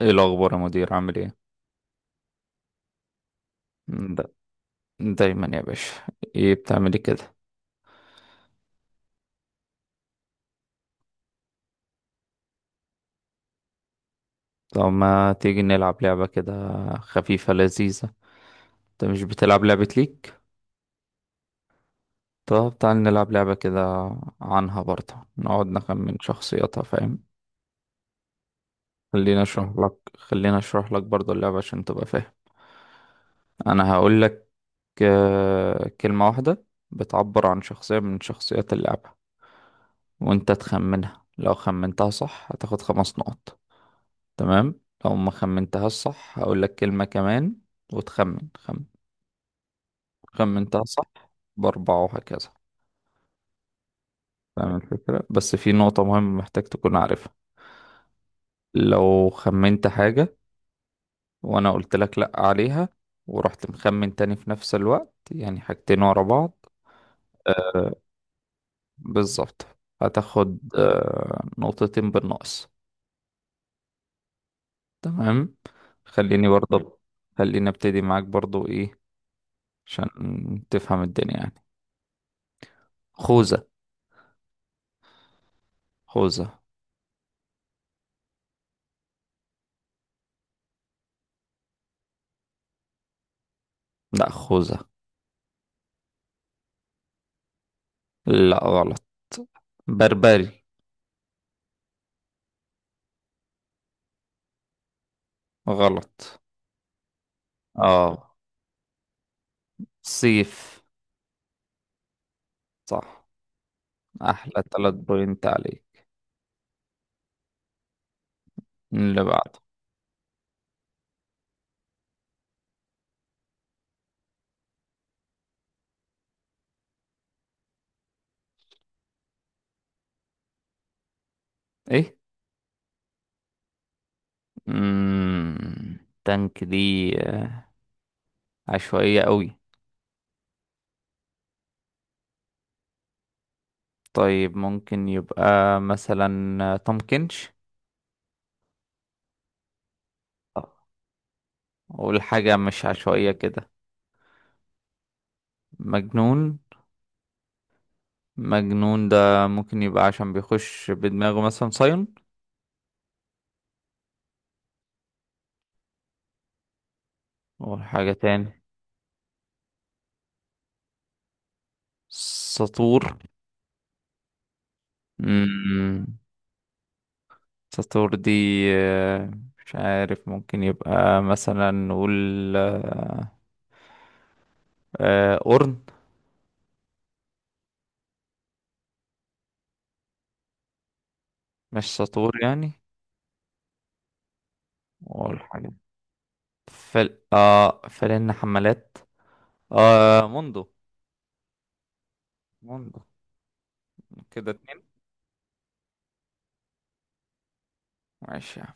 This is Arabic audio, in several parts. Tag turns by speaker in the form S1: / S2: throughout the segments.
S1: ايه الاخبار يا مدير؟ عامل ايه؟ دا دايما يا باشا. ايه بتعملي كده؟ طب ما تيجي نلعب لعبة كده، خفيفة لذيذة. انت مش بتلعب لعبة ليك؟ طب تعال نلعب لعبة كده، عنها برضه نقعد نخمن شخصياتها، فاهم؟ خلينا اشرح لك برضه اللعبة عشان تبقى فاهم. انا هقول لك كلمة واحدة بتعبر عن شخصية من شخصيات اللعبة، وانت تخمنها. لو خمنتها صح هتاخد خمس نقط، تمام؟ لو ما خمنتها الصح هقول لك كلمة كمان، وتخمن. خمن. خمنتها صح بأربعة، وهكذا. فاهم الفكرة؟ بس في نقطة مهمة محتاج تكون عارفها. لو خمنت حاجة وأنا قلت لك لأ عليها، ورحت مخمن تاني في نفس الوقت، يعني حاجتين ورا بعض. آه، بالظبط. هتاخد نقطتين بالنقص. تمام. خليني برضه خليني ابتدي معاك برضه، ايه؟ عشان تفهم الدنيا يعني. خوذة. خوذة. لا خوذة. لا، غلط. بربري. غلط. اه، سيف. صح. احلى تلات بوينت عليك. اللي بعده. ايه؟ مم. تانك دي آه، عشوائية قوي. طيب ممكن يبقى مثلا تومكنش. آه، اقول حاجة مش عشوائية كده. مجنون. مجنون ده ممكن يبقى عشان بيخش بدماغه، مثلا سايون. اقول حاجة تاني. سطور. مم. ساتور دي آه، مش عارف. ممكن يبقى مثلا نقول أورن. مش ساتور يعني. والحاجة فل اه فلن حمالات. اه، موندو. موندو، كده اتنين. ماشي يا عم.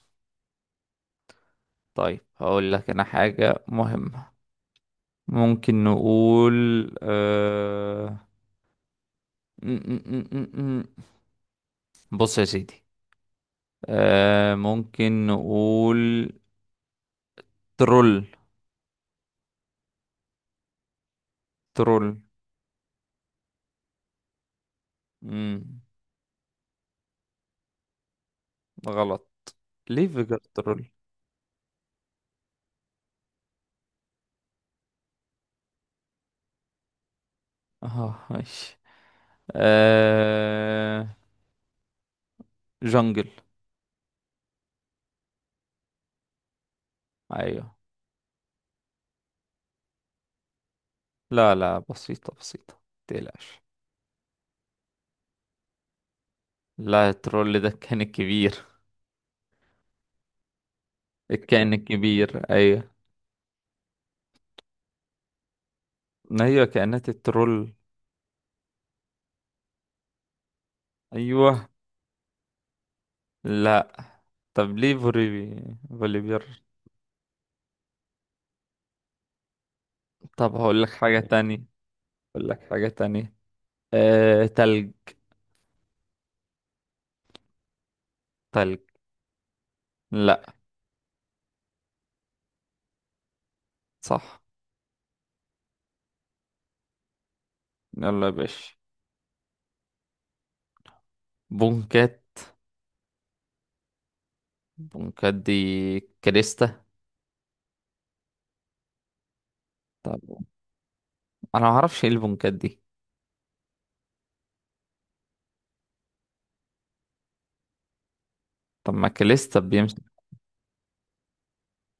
S1: طيب هقول لك انا حاجة مهمة. ممكن نقول آه... م- م- م- م- م. بص يا سيدي. ممكن نقول ترول. ترول. مم. غلط. ليه فيجاترول. اه، ماشي. آه... جنجل. ايوه. لا لا، بسيطة بسيطة، متقلقش. لا، الترول ده كان الكبير. الكائن الكبير، ايوه. ما هي كائنات الترول. ايوه. لا. طب ليه فوليبي فوليبير. طب هقول لك حاجة تانية هقول لك حاجة تانية. تلج. تلج. لا. صح. يلا يا باشا. بونكات. بونكات دي كريستا. طب انا ما اعرفش ايه البونكات دي. طب ما كاليستا بيمسك.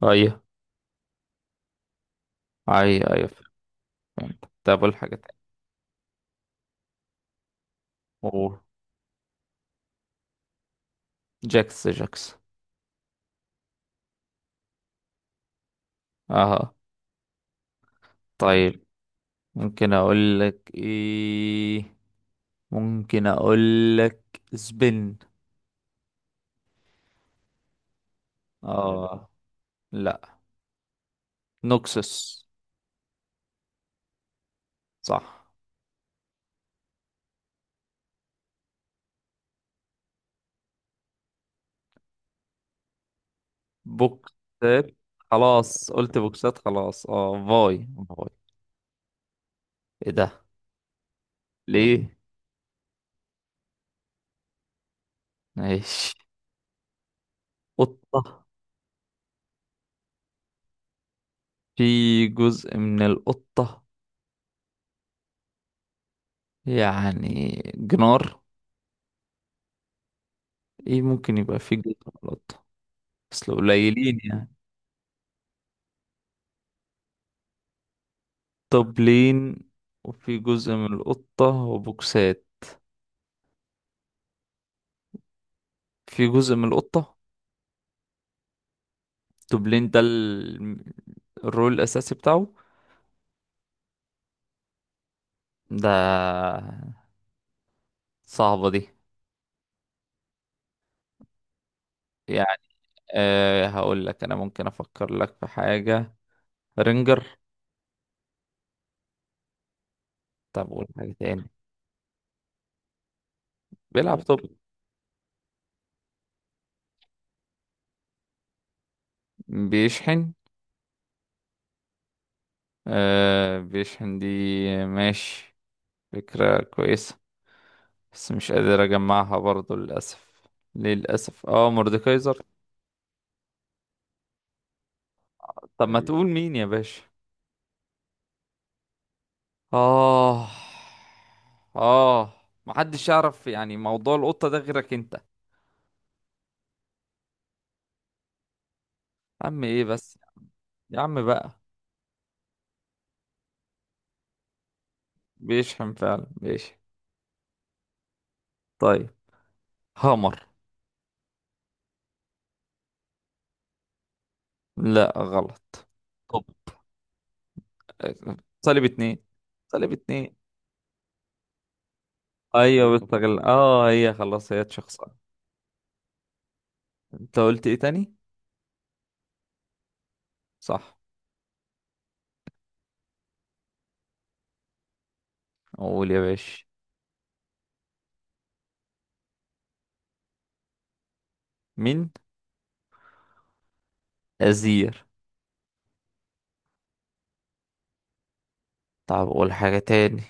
S1: ايوه، ايوه، ايوه، فهمت. طب أقول حاجة تانية. أوه. جاكس جاكس. اه. طيب ممكن اقول لك ايه ممكن اقول لك سبين. اه. لا. نوكسس. صح. بوكسات. خلاص، قلت بوكسات، خلاص. اه، فاي فاي. ايه ده؟ ليه؟ ماشي. قطة. في جزء من القطة، يعني جنار. ايه؟ ممكن يبقى فيه جزء من القطة. اصل قليلين يعني. طبلين، وفي جزء من القطة، وبوكسات. في جزء من القطة. طبلين ده الرول الأساسي بتاعه. ده صعبة دي. يعني هقول لك أنا. ممكن أفكر لك في حاجة. رينجر. طب قول حاجة تاني. بيلعب طب. بيشحن. أه، بيشحن دي. ماشي. فكرة كويسة، بس مش قادر اجمعها برضو، للاسف. للاسف مordekaiser. طب ما تقول مين يا باشا؟ اه، اه. محدش يعرف يعني موضوع القطة ده غيرك انت يا. عم ايه بس. يا عم بقى. بيشحم، فعلا بيشحم. طيب هامر. لا، غلط. طب آه، صليب اتنين. صليب اتنين. ايوه بتستغل هي خلاص، هي شخصية. انت قلت ايه تاني؟ صح. قول يا باشا. مين؟ ازير. طب قول حاجة تاني.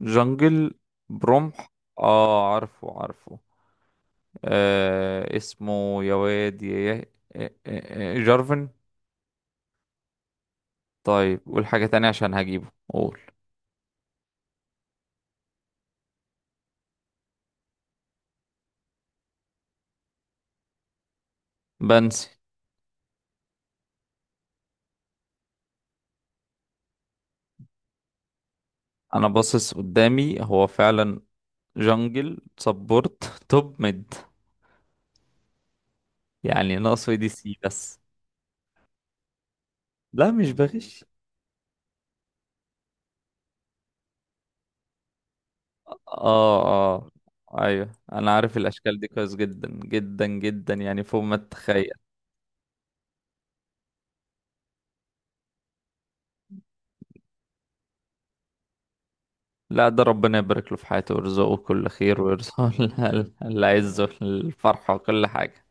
S1: جنجل. برمح. اه، عارفه عارفه. آه اسمه يا واد جارفن. طيب قول حاجة تانية عشان هجيبه. قول. بنسي. انا باصص قدامي هو فعلا. جنجل سبورت. توب ميد. يعني ناقصه دي سي بس. لا، مش بغش. اه، اه. ايوه انا عارف الاشكال دي كويس جدا جدا جدا، يعني فوق ما تتخيل. لا، ده ربنا يبارك له في حياته، ويرزقه كل خير، ويرزقه اللي عايزه الفرحة وكل حاجة.